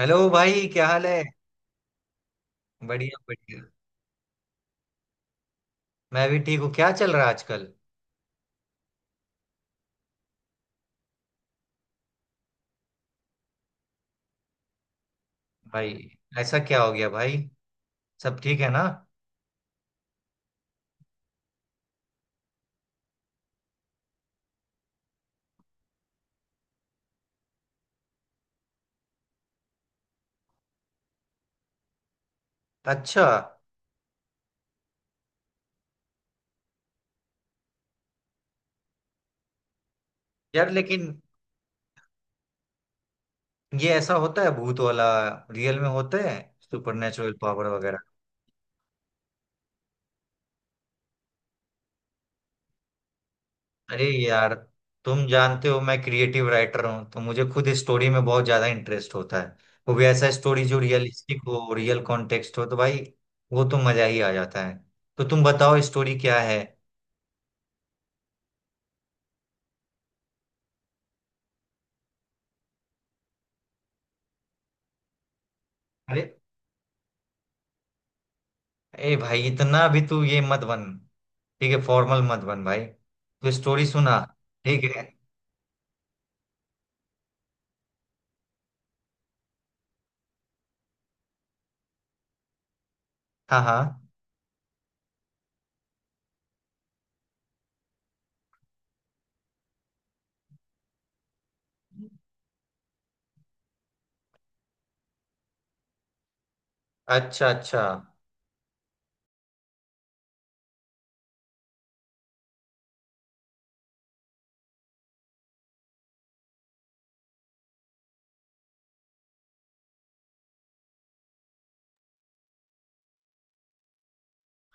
Hello भाई, क्या हाल है? बढ़िया बढ़िया। मैं भी ठीक हूँ। क्या चल रहा है आजकल? भाई ऐसा क्या हो गया भाई? सब ठीक है ना? अच्छा। यार लेकिन ये ऐसा होता है? भूत वाला रियल में होता है? सुपरनेचुरल पावर वगैरह? अरे यार, तुम जानते हो मैं क्रिएटिव राइटर हूँ, तो मुझे खुद स्टोरी में बहुत ज्यादा इंटरेस्ट होता है। वो भी ऐसा स्टोरी जो रियलिस्टिक हो, रियल कॉन्टेक्स्ट हो, तो भाई वो तो मजा ही आ जाता है। तो तुम बताओ स्टोरी क्या है। अरे ए भाई, इतना भी तू ये मत बन। ठीक है, फॉर्मल मत बन भाई, तू स्टोरी सुना। ठीक है। हाँ हाँ। अच्छा अच्छा।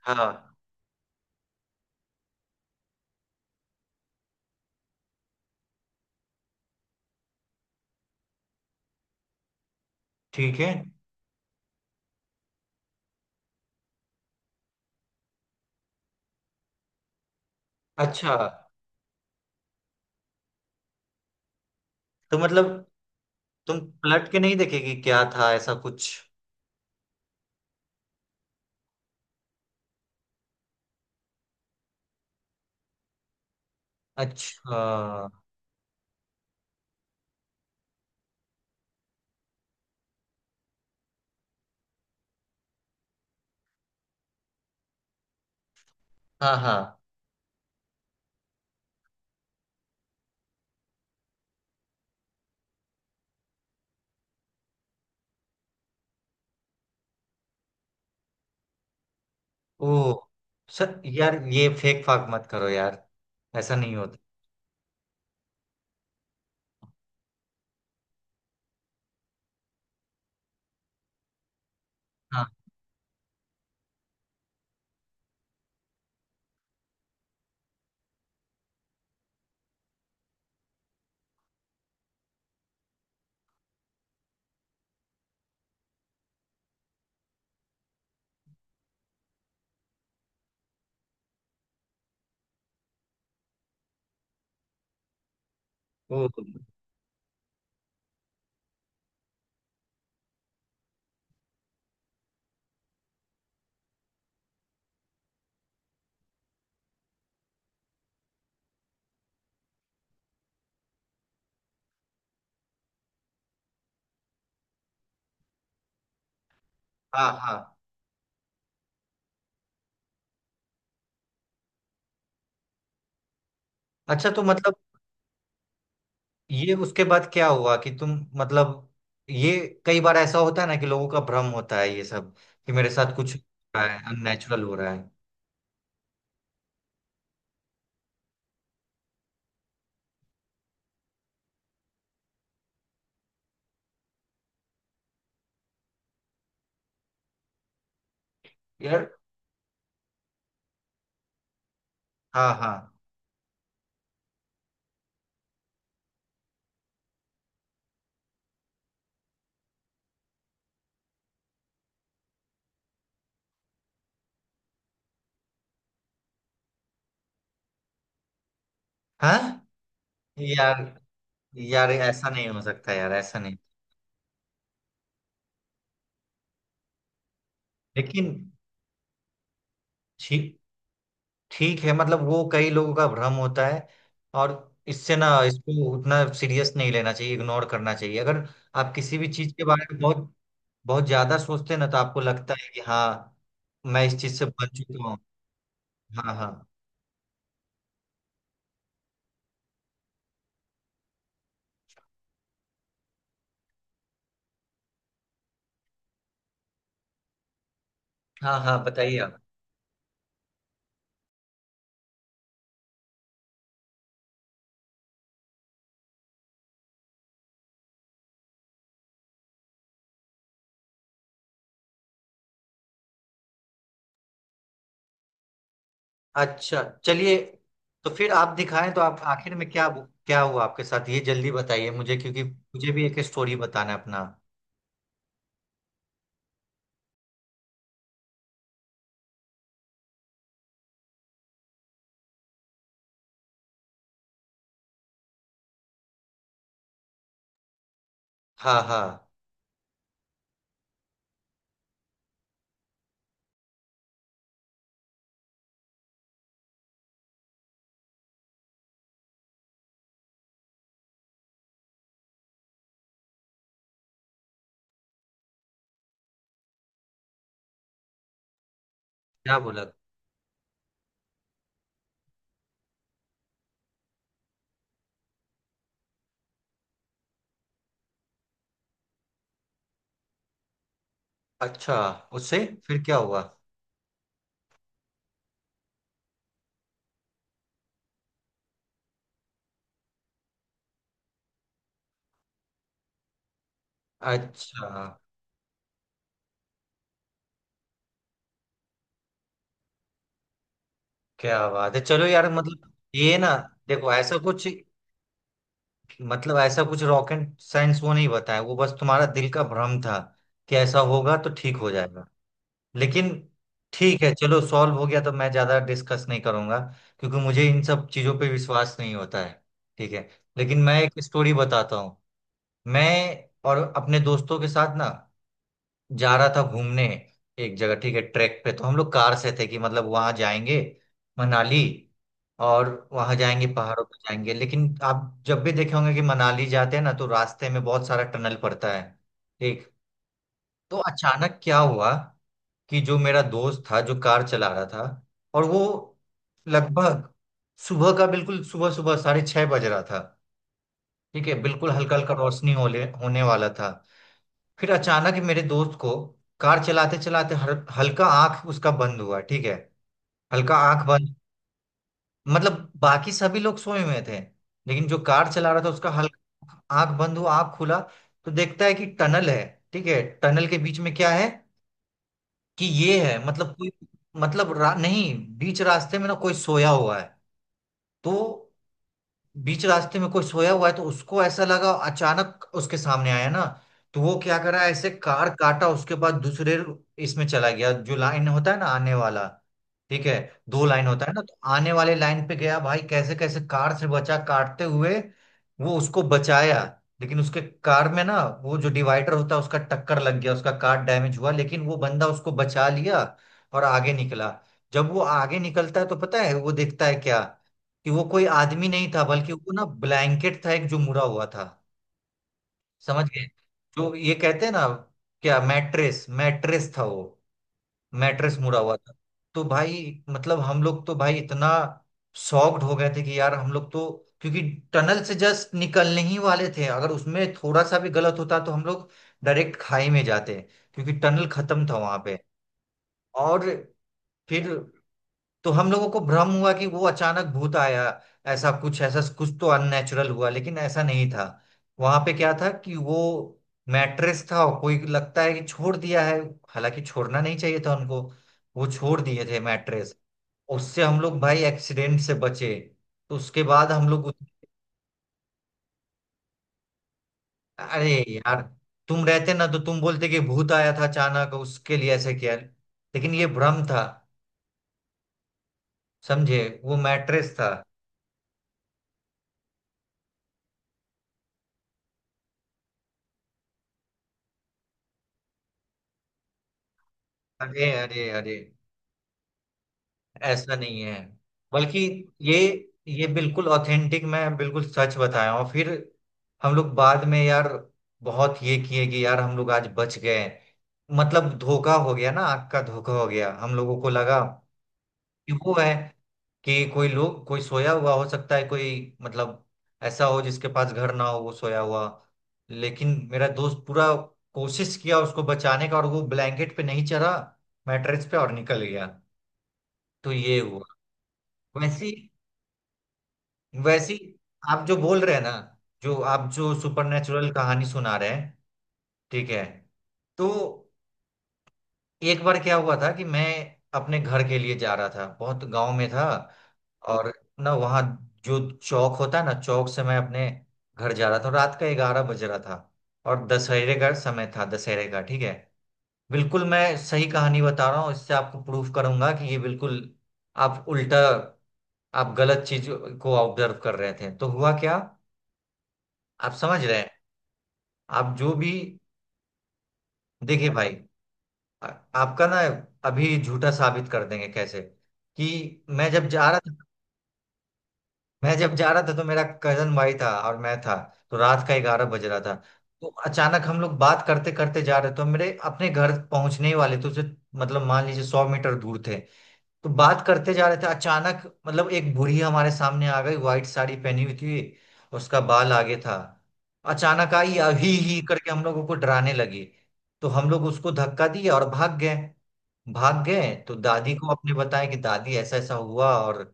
हाँ। ठीक है। अच्छा, तो मतलब तुम पलट के नहीं देखेगी क्या था ऐसा कुछ? अच्छा। हाँ हाँ। ओ, सर यार ये फेक फाक मत करो यार। ऐसा नहीं होता। हाँ। ओ। हाँ हाँ। अच्छा, तो मतलब ये उसके बाद क्या हुआ कि तुम, मतलब ये, कई बार ऐसा होता है ना कि लोगों का भ्रम होता है ये सब, कि मेरे साथ कुछ हो रहा है, अननेचुरल हो रहा है। यार। हाँ हाँ हाँ। यार यार, ऐसा नहीं हो सकता यार, ऐसा नहीं। लेकिन ठीक, ठीक है, मतलब वो कई लोगों का भ्रम होता है, और इससे ना, इसको उतना सीरियस नहीं लेना चाहिए, इग्नोर करना चाहिए। अगर आप किसी भी चीज के बारे में बहुत बहुत ज्यादा सोचते हैं ना, तो आपको लगता है कि हाँ मैं इस चीज से बच चुका हूँ। हाँ हाँ। हाँ हाँ, बताइए आप। अच्छा चलिए। तो फिर आप दिखाएं, तो आप आखिर में क्या, क्या हुआ आपके साथ? ये जल्दी बताइए मुझे, क्योंकि मुझे भी एक स्टोरी बताना है अपना। हाँ हाँ। क्या बोला? अच्छा। उससे फिर क्या हुआ? अच्छा। क्या बात है, चलो यार। मतलब ये ना, देखो, ऐसा कुछ, मतलब ऐसा कुछ रॉकेट साइंस वो नहीं बताया। वो बस तुम्हारा दिल का भ्रम था कि ऐसा होगा तो ठीक हो जाएगा। लेकिन ठीक है, चलो सॉल्व हो गया तो मैं ज्यादा डिस्कस नहीं करूंगा, क्योंकि मुझे इन सब चीजों पे विश्वास नहीं होता है। ठीक है। लेकिन मैं एक स्टोरी बताता हूँ। मैं और अपने दोस्तों के साथ ना, जा रहा था घूमने एक जगह, ठीक है, ट्रैक पे। तो हम लोग कार से थे कि मतलब वहां जाएंगे मनाली, और वहां जाएंगे, पहाड़ों पे जाएंगे। लेकिन आप जब भी देखे होंगे कि मनाली जाते हैं ना, तो रास्ते में बहुत सारा टनल पड़ता है। ठीक। तो अचानक क्या हुआ कि जो मेरा दोस्त था, जो कार चला रहा था, और वो लगभग सुबह का, बिल्कुल सुबह सुबह 6:30 बज रहा था। ठीक है, बिल्कुल हल्का हल्का रोशनी होले होने वाला था। फिर अचानक ही मेरे दोस्त को, कार चलाते चलाते, हल्का आंख उसका बंद हुआ, ठीक है, हल्का आंख बंद। मतलब बाकी सभी लोग सोए हुए थे, लेकिन जो कार चला रहा था उसका हल्का आंख बंद हुआ, आंख खुला, तो देखता है कि टनल है, ठीक है, टनल के बीच में क्या है, कि ये है मतलब कोई, मतलब नहीं, बीच रास्ते में ना कोई सोया हुआ है। तो बीच रास्ते में कोई सोया हुआ है, तो उसको ऐसा लगा अचानक उसके सामने आया ना, तो वो क्या करा, ऐसे कार काटा, उसके बाद दूसरे इसमें चला गया, जो लाइन होता है ना आने वाला, ठीक है, दो लाइन होता है ना, तो आने वाले लाइन पे गया भाई, कैसे कैसे कार से बचा, काटते हुए वो उसको बचाया। लेकिन उसके कार में ना, वो जो डिवाइडर होता है, उसका टक्कर लग गया, उसका कार डैमेज हुआ, लेकिन वो बंदा उसको बचा लिया और आगे निकला। जब वो आगे निकलता है, तो पता है वो देखता है क्या, कि वो कोई आदमी नहीं था, बल्कि वो ना ब्लैंकेट था एक, जो मुड़ा हुआ था। समझ गए? जो ये कहते हैं ना, क्या मैट्रेस, मैट्रेस था वो, मैट्रेस मुड़ा हुआ था। तो भाई, मतलब हम लोग तो भाई इतना शॉक्ड हो गए थे कि यार हम लोग तो, क्योंकि टनल से जस्ट निकलने ही वाले थे, अगर उसमें थोड़ा सा भी गलत होता तो हम लोग डायरेक्ट खाई में जाते, क्योंकि टनल खत्म था वहां पे। और फिर, तो हम लोगों को भ्रम हुआ कि वो अचानक भूत आया, ऐसा कुछ, ऐसा कुछ तो अननेचुरल हुआ, लेकिन ऐसा नहीं था। वहां पे क्या था कि वो मैट्रेस था और कोई लगता है कि छोड़ दिया है, हालांकि छोड़ना नहीं चाहिए था उनको, वो छोड़ दिए थे मैट्रेस। उससे हम लोग भाई एक्सीडेंट से बचे। तो उसके बाद हम लोग अरे यार, तुम रहते ना तो तुम बोलते कि भूत आया था अचानक, उसके लिए ऐसे किया, लेकिन ये भ्रम था। समझे? वो मैट्रेस था। अरे अरे अरे, ऐसा नहीं है, बल्कि ये ये बिल्कुल ऑथेंटिक, मैं बिल्कुल सच बताया हूँ। फिर हम लोग बाद में यार बहुत ये किए कि यार हम लोग आज बच गए, मतलब धोखा हो गया ना, आग का धोखा हो गया, हम लोगों को लगा कि वो है, कि कोई लोग, कोई सोया हुआ हो सकता है, कोई, मतलब ऐसा हो जिसके पास घर ना हो, वो सोया हुआ। लेकिन मेरा दोस्त पूरा कोशिश किया उसको बचाने का, और वो ब्लैंकेट पे नहीं चढ़ा, मैट्रेस पे, और निकल गया। तो ये हुआ। वैसे, वैसी आप जो बोल रहे हैं ना, जो आप जो सुपरनेचुरल कहानी सुना रहे हैं, ठीक है, तो एक बार क्या हुआ था कि मैं अपने घर के लिए जा रहा था, बहुत गांव में था, और ना वहाँ जो चौक होता है ना, चौक से मैं अपने घर जा रहा था, रात का 11 बज रहा था, और दशहरे का समय था, दशहरे का, ठीक है। बिल्कुल मैं सही कहानी बता रहा हूँ, इससे आपको प्रूफ करूंगा कि ये बिल्कुल, आप उल्टा, आप गलत चीज को ऑब्जर्व कर रहे थे। तो हुआ क्या, आप समझ रहे हैं? आप जो भी, देखिए भाई, आ- आपका ना अभी झूठा साबित कर देंगे कैसे, कि मैं जब जा रहा था, मैं जब जा रहा था, तो मेरा कजन भाई था और मैं था, तो रात का 11 बज रहा था। तो अचानक हम लोग बात करते करते जा रहे, तो मेरे अपने घर पहुंचने ही वाले थे उसे, मतलब मान लीजिए 100 मीटर दूर थे। तो बात करते जा रहे थे, अचानक मतलब एक बूढ़ी हमारे सामने आ गई, व्हाइट साड़ी पहनी हुई थी, उसका बाल आगे था, अचानक आई अभी ही करके हम लोगों को डराने लगी। तो हम लोग उसको धक्का दिए और भाग गए। भाग गए तो दादी को अपने बताया कि दादी ऐसा ऐसा हुआ और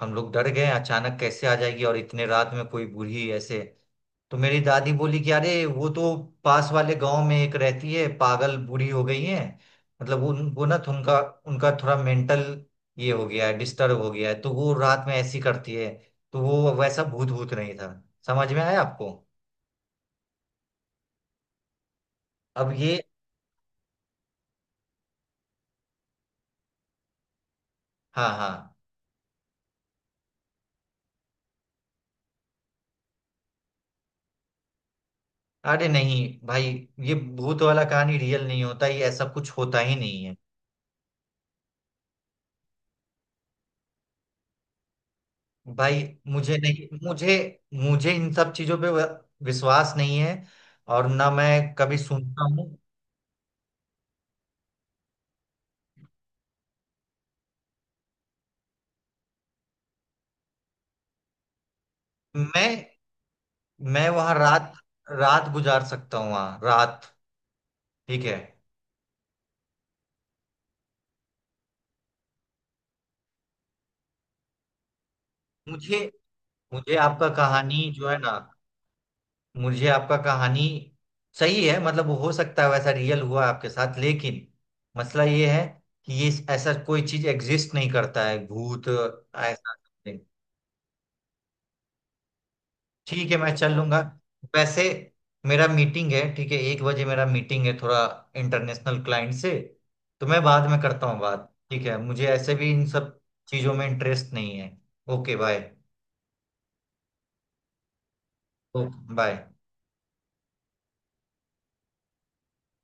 हम लोग डर गए, अचानक कैसे आ जाएगी, और इतने रात में कोई बूढ़ी ऐसे। तो मेरी दादी बोली कि अरे वो तो पास वाले गांव में एक रहती है, पागल बूढ़ी हो गई है, मतलब उन वो ना उनका उनका थोड़ा मेंटल ये हो गया है, डिस्टर्ब हो गया है, तो वो रात में ऐसी करती है। तो वो वैसा भूत भूत नहीं था। समझ में आया आपको? अब ये, हाँ हाँ। अरे नहीं भाई, ये भूत वाला कहानी रियल नहीं होता, ये ऐसा कुछ होता ही नहीं है। भाई, मुझे नहीं, मुझे मुझे इन सब चीजों पे विश्वास नहीं है, और ना मैं कभी सुनता हूँ। मैं मैं वहां रात, रात गुजार सकता हूँ वहां रात, ठीक है। मुझे मुझे आपका कहानी जो है ना, मुझे आपका कहानी सही है। मतलब हो सकता है वैसा रियल हुआ आपके साथ, लेकिन मसला ये है कि ये, ऐसा कोई चीज एग्जिस्ट नहीं करता है, भूत ऐसा something। ठीक है, मैं चल लूंगा। वैसे मेरा मीटिंग है, ठीक है, 1 बजे मेरा मीटिंग है, थोड़ा इंटरनेशनल क्लाइंट से। तो मैं बाद में करता हूँ बात, ठीक है, मुझे ऐसे भी इन सब चीजों में इंटरेस्ट नहीं है। Okay bye. Okay bye.